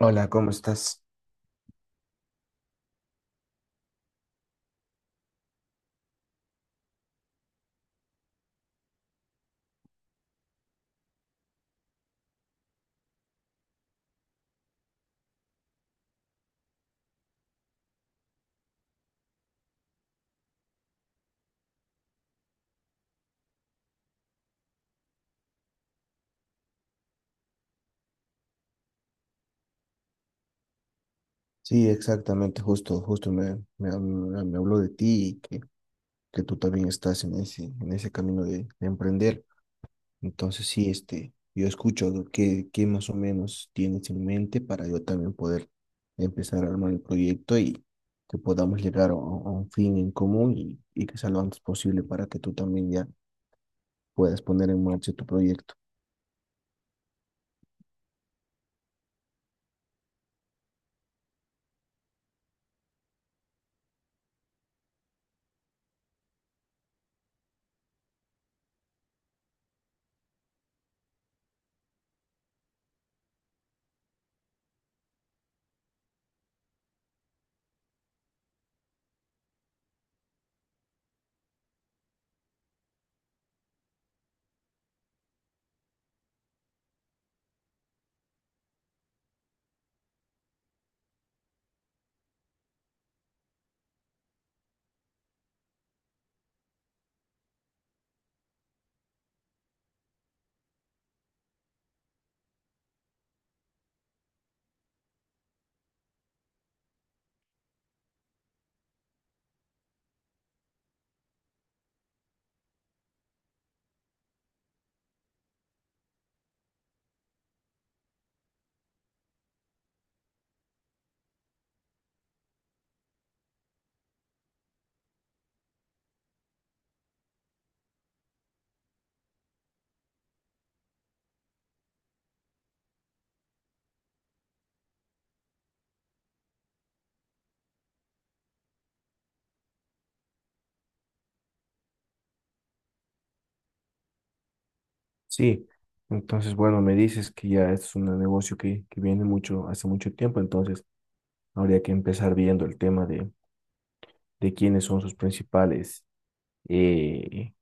Hola, ¿cómo estás? Sí, exactamente, justo, justo me habló de ti y que tú también estás en ese camino de emprender. Entonces, sí, yo escucho lo que, qué más o menos tienes en mente para yo también poder empezar a armar el proyecto y que podamos llegar a un fin en común y que sea lo antes posible para que tú también ya puedas poner en marcha tu proyecto. Sí, entonces, bueno, me dices que ya es un negocio que viene mucho, hace mucho tiempo, entonces habría que empezar viendo el tema de quiénes son sus principales eh,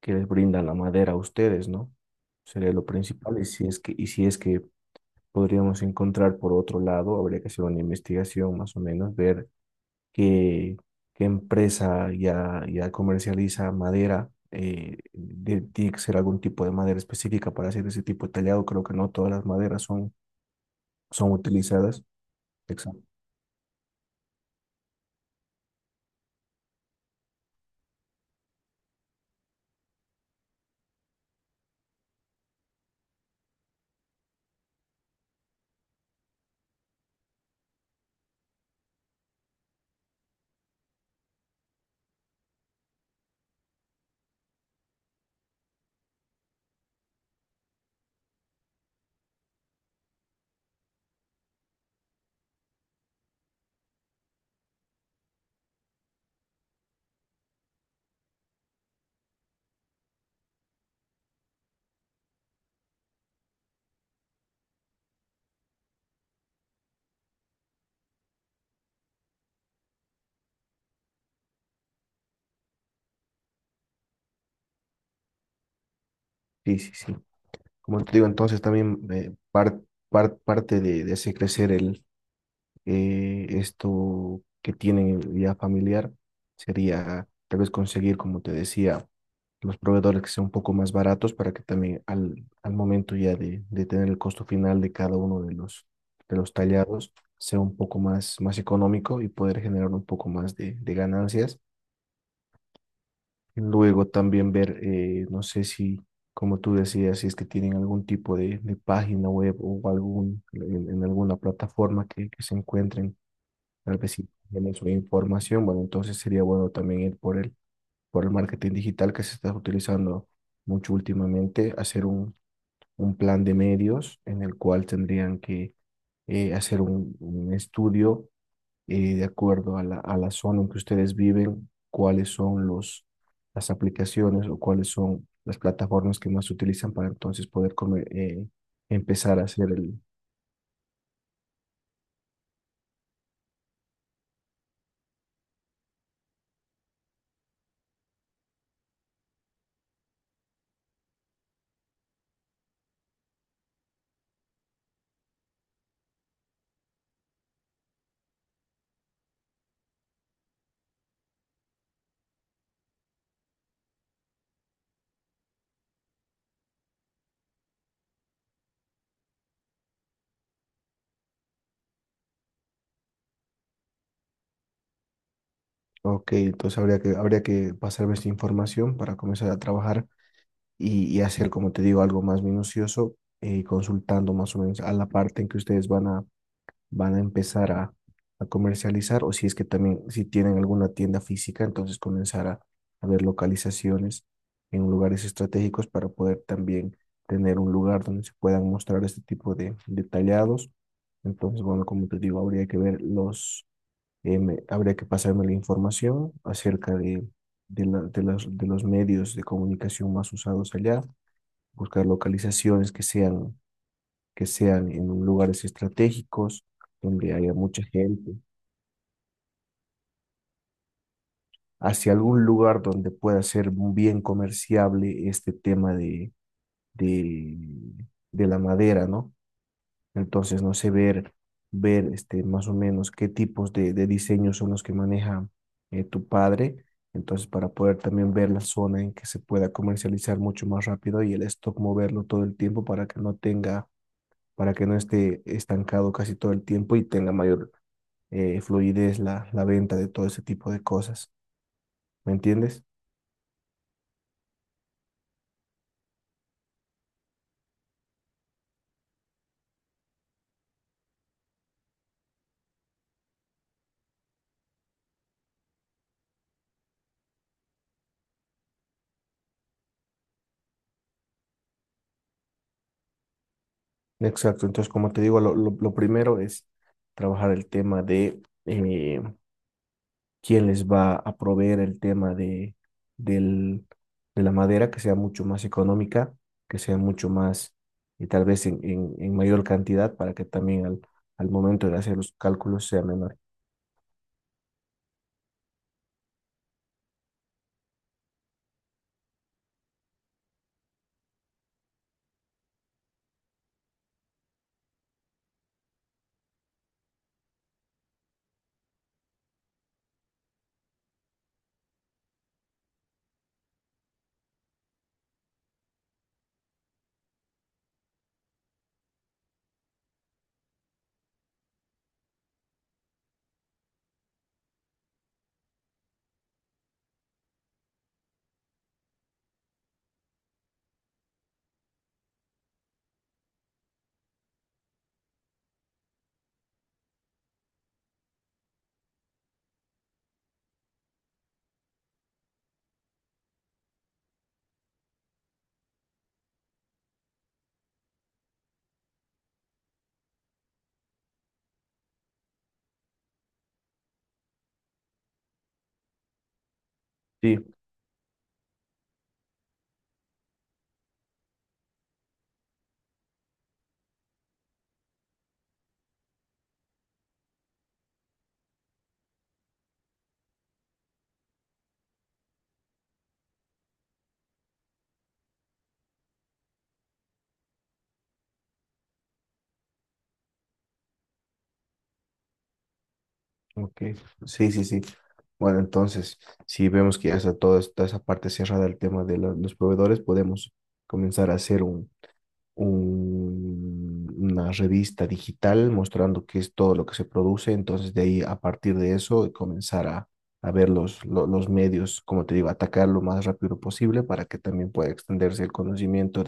que les brindan la madera a ustedes, ¿no? Sería lo principal y y si es que podríamos encontrar por otro lado. Habría que hacer una investigación más o menos, ver qué, qué empresa ya, ya comercializa madera. Tiene que ser algún tipo de madera específica para hacer ese tipo de tallado. Creo que no todas las maderas son, son utilizadas. Exacto. Sí, sí, sí. Como te digo, entonces también parte de ese crecer esto que tienen en vida familiar, sería tal vez conseguir, como te decía, los proveedores que sean un poco más baratos para que también al, al momento ya de tener el costo final de cada uno de los tallados sea un poco más, más económico y poder generar un poco más de ganancias. Luego también ver, no sé si, como tú decías, si es que tienen algún tipo de página web o en alguna plataforma que se encuentren, tal vez si tienen su información. Bueno, entonces sería bueno también ir por el marketing digital que se está utilizando mucho últimamente, hacer un plan de medios en el cual tendrían que hacer un estudio de acuerdo a la zona en que ustedes viven, cuáles son los, las aplicaciones o cuáles son las plataformas que más se utilizan para entonces poder comer empezar a hacer el... Ok, entonces habría que pasarme esta información para comenzar a trabajar y hacer, como te digo, algo más minucioso, consultando más o menos a la parte en que ustedes van a empezar a comercializar. O si es que también, si tienen alguna tienda física, entonces comenzar a ver localizaciones en lugares estratégicos para poder también tener un lugar donde se puedan mostrar este tipo de detallados. Entonces, bueno, como te digo, habría que ver habría que pasarme la información acerca de, de los medios de comunicación más usados allá, buscar localizaciones que sean en lugares estratégicos, donde haya mucha gente, hacia algún lugar donde pueda ser bien comerciable este tema de, de la madera, ¿no? Entonces, no sé, ver este, más o menos qué tipos de diseños son los que maneja tu padre. Entonces, para poder también ver la zona en que se pueda comercializar mucho más rápido y el stock moverlo todo el tiempo para que no tenga, para que no esté estancado casi todo el tiempo y tenga mayor fluidez la, la venta de todo ese tipo de cosas. ¿Me entiendes? Exacto. Entonces, como te digo, lo primero es trabajar el tema de eh, quién les va a proveer el tema del, de la madera, que sea mucho más económica, que sea mucho más, y tal vez en mayor cantidad, para que también al, al momento de hacer los cálculos sea menor. Sí. Ok, sí, sí, sí. Bueno, entonces, si vemos que ya está toda esa parte cerrada el tema de los proveedores, podemos comenzar a hacer una revista digital mostrando qué es todo lo que se produce. Entonces, de ahí, a partir de eso, comenzar a ver los medios, como te digo, atacar lo más rápido posible para que también pueda extenderse el conocimiento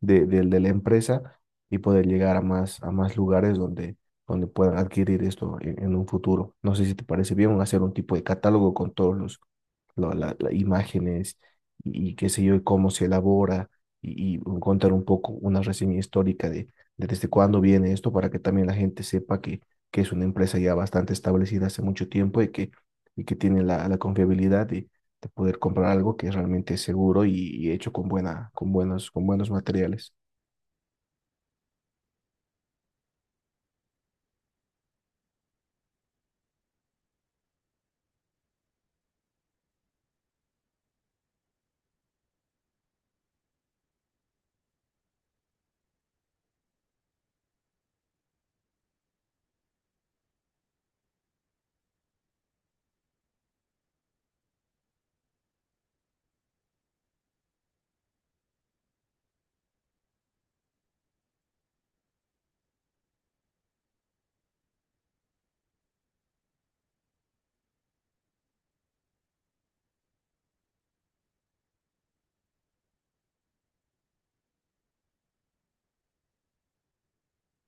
de la empresa y poder llegar a más lugares donde, donde puedan adquirir esto en un futuro. No sé si te parece bien hacer un tipo de catálogo con todos las imágenes y qué sé yo, y cómo se elabora y contar un poco una reseña histórica de desde cuándo viene esto para que también la gente sepa que es una empresa ya bastante establecida hace mucho tiempo y que tiene la, la confiabilidad de poder comprar algo que es realmente seguro y hecho con buena, con buenos materiales.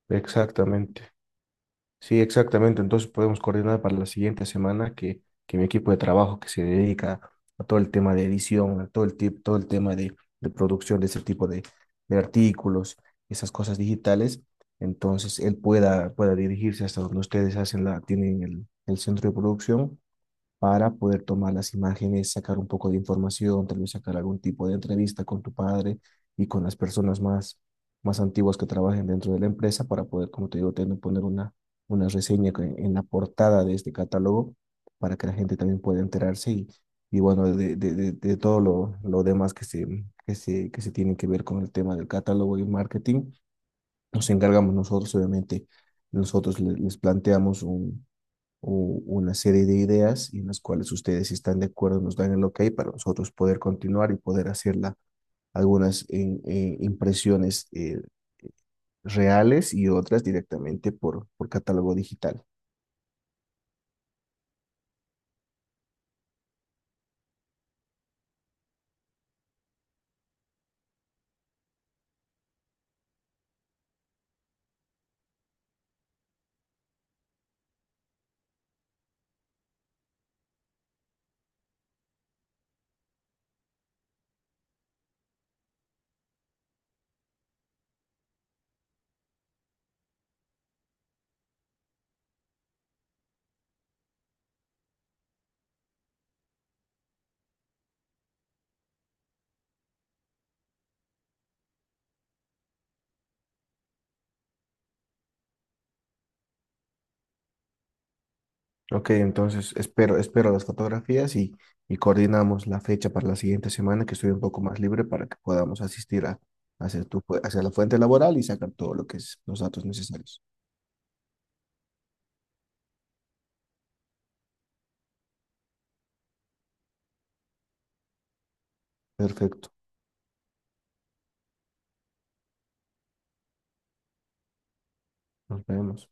Exactamente. Sí, exactamente. Entonces podemos coordinar para la siguiente semana que mi equipo de trabajo que se dedica a todo el tema de edición, a todo todo el tema de producción de ese tipo de artículos, esas cosas digitales, entonces él pueda dirigirse hasta donde ustedes hacen la, tienen el centro de producción para poder tomar las imágenes, sacar un poco de información, tal vez sacar algún tipo de entrevista con tu padre y con las personas más, más antiguas que trabajen dentro de la empresa para poder, como te digo, poner una reseña en la portada de este catálogo para que la gente también pueda enterarse y bueno, de todo lo demás que se tiene que ver con el tema del catálogo y marketing. Nos encargamos nosotros, obviamente, nosotros les planteamos una serie de ideas y en las cuales ustedes, si están de acuerdo, nos dan el ok para nosotros poder continuar y poder hacer algunas impresiones reales y otras directamente por catálogo digital. Ok, entonces espero, espero las fotografías y coordinamos la fecha para la siguiente semana que estoy un poco más libre para que podamos asistir a hacer hacia la fuente laboral y sacar todo lo que es los datos necesarios. Perfecto, nos vemos.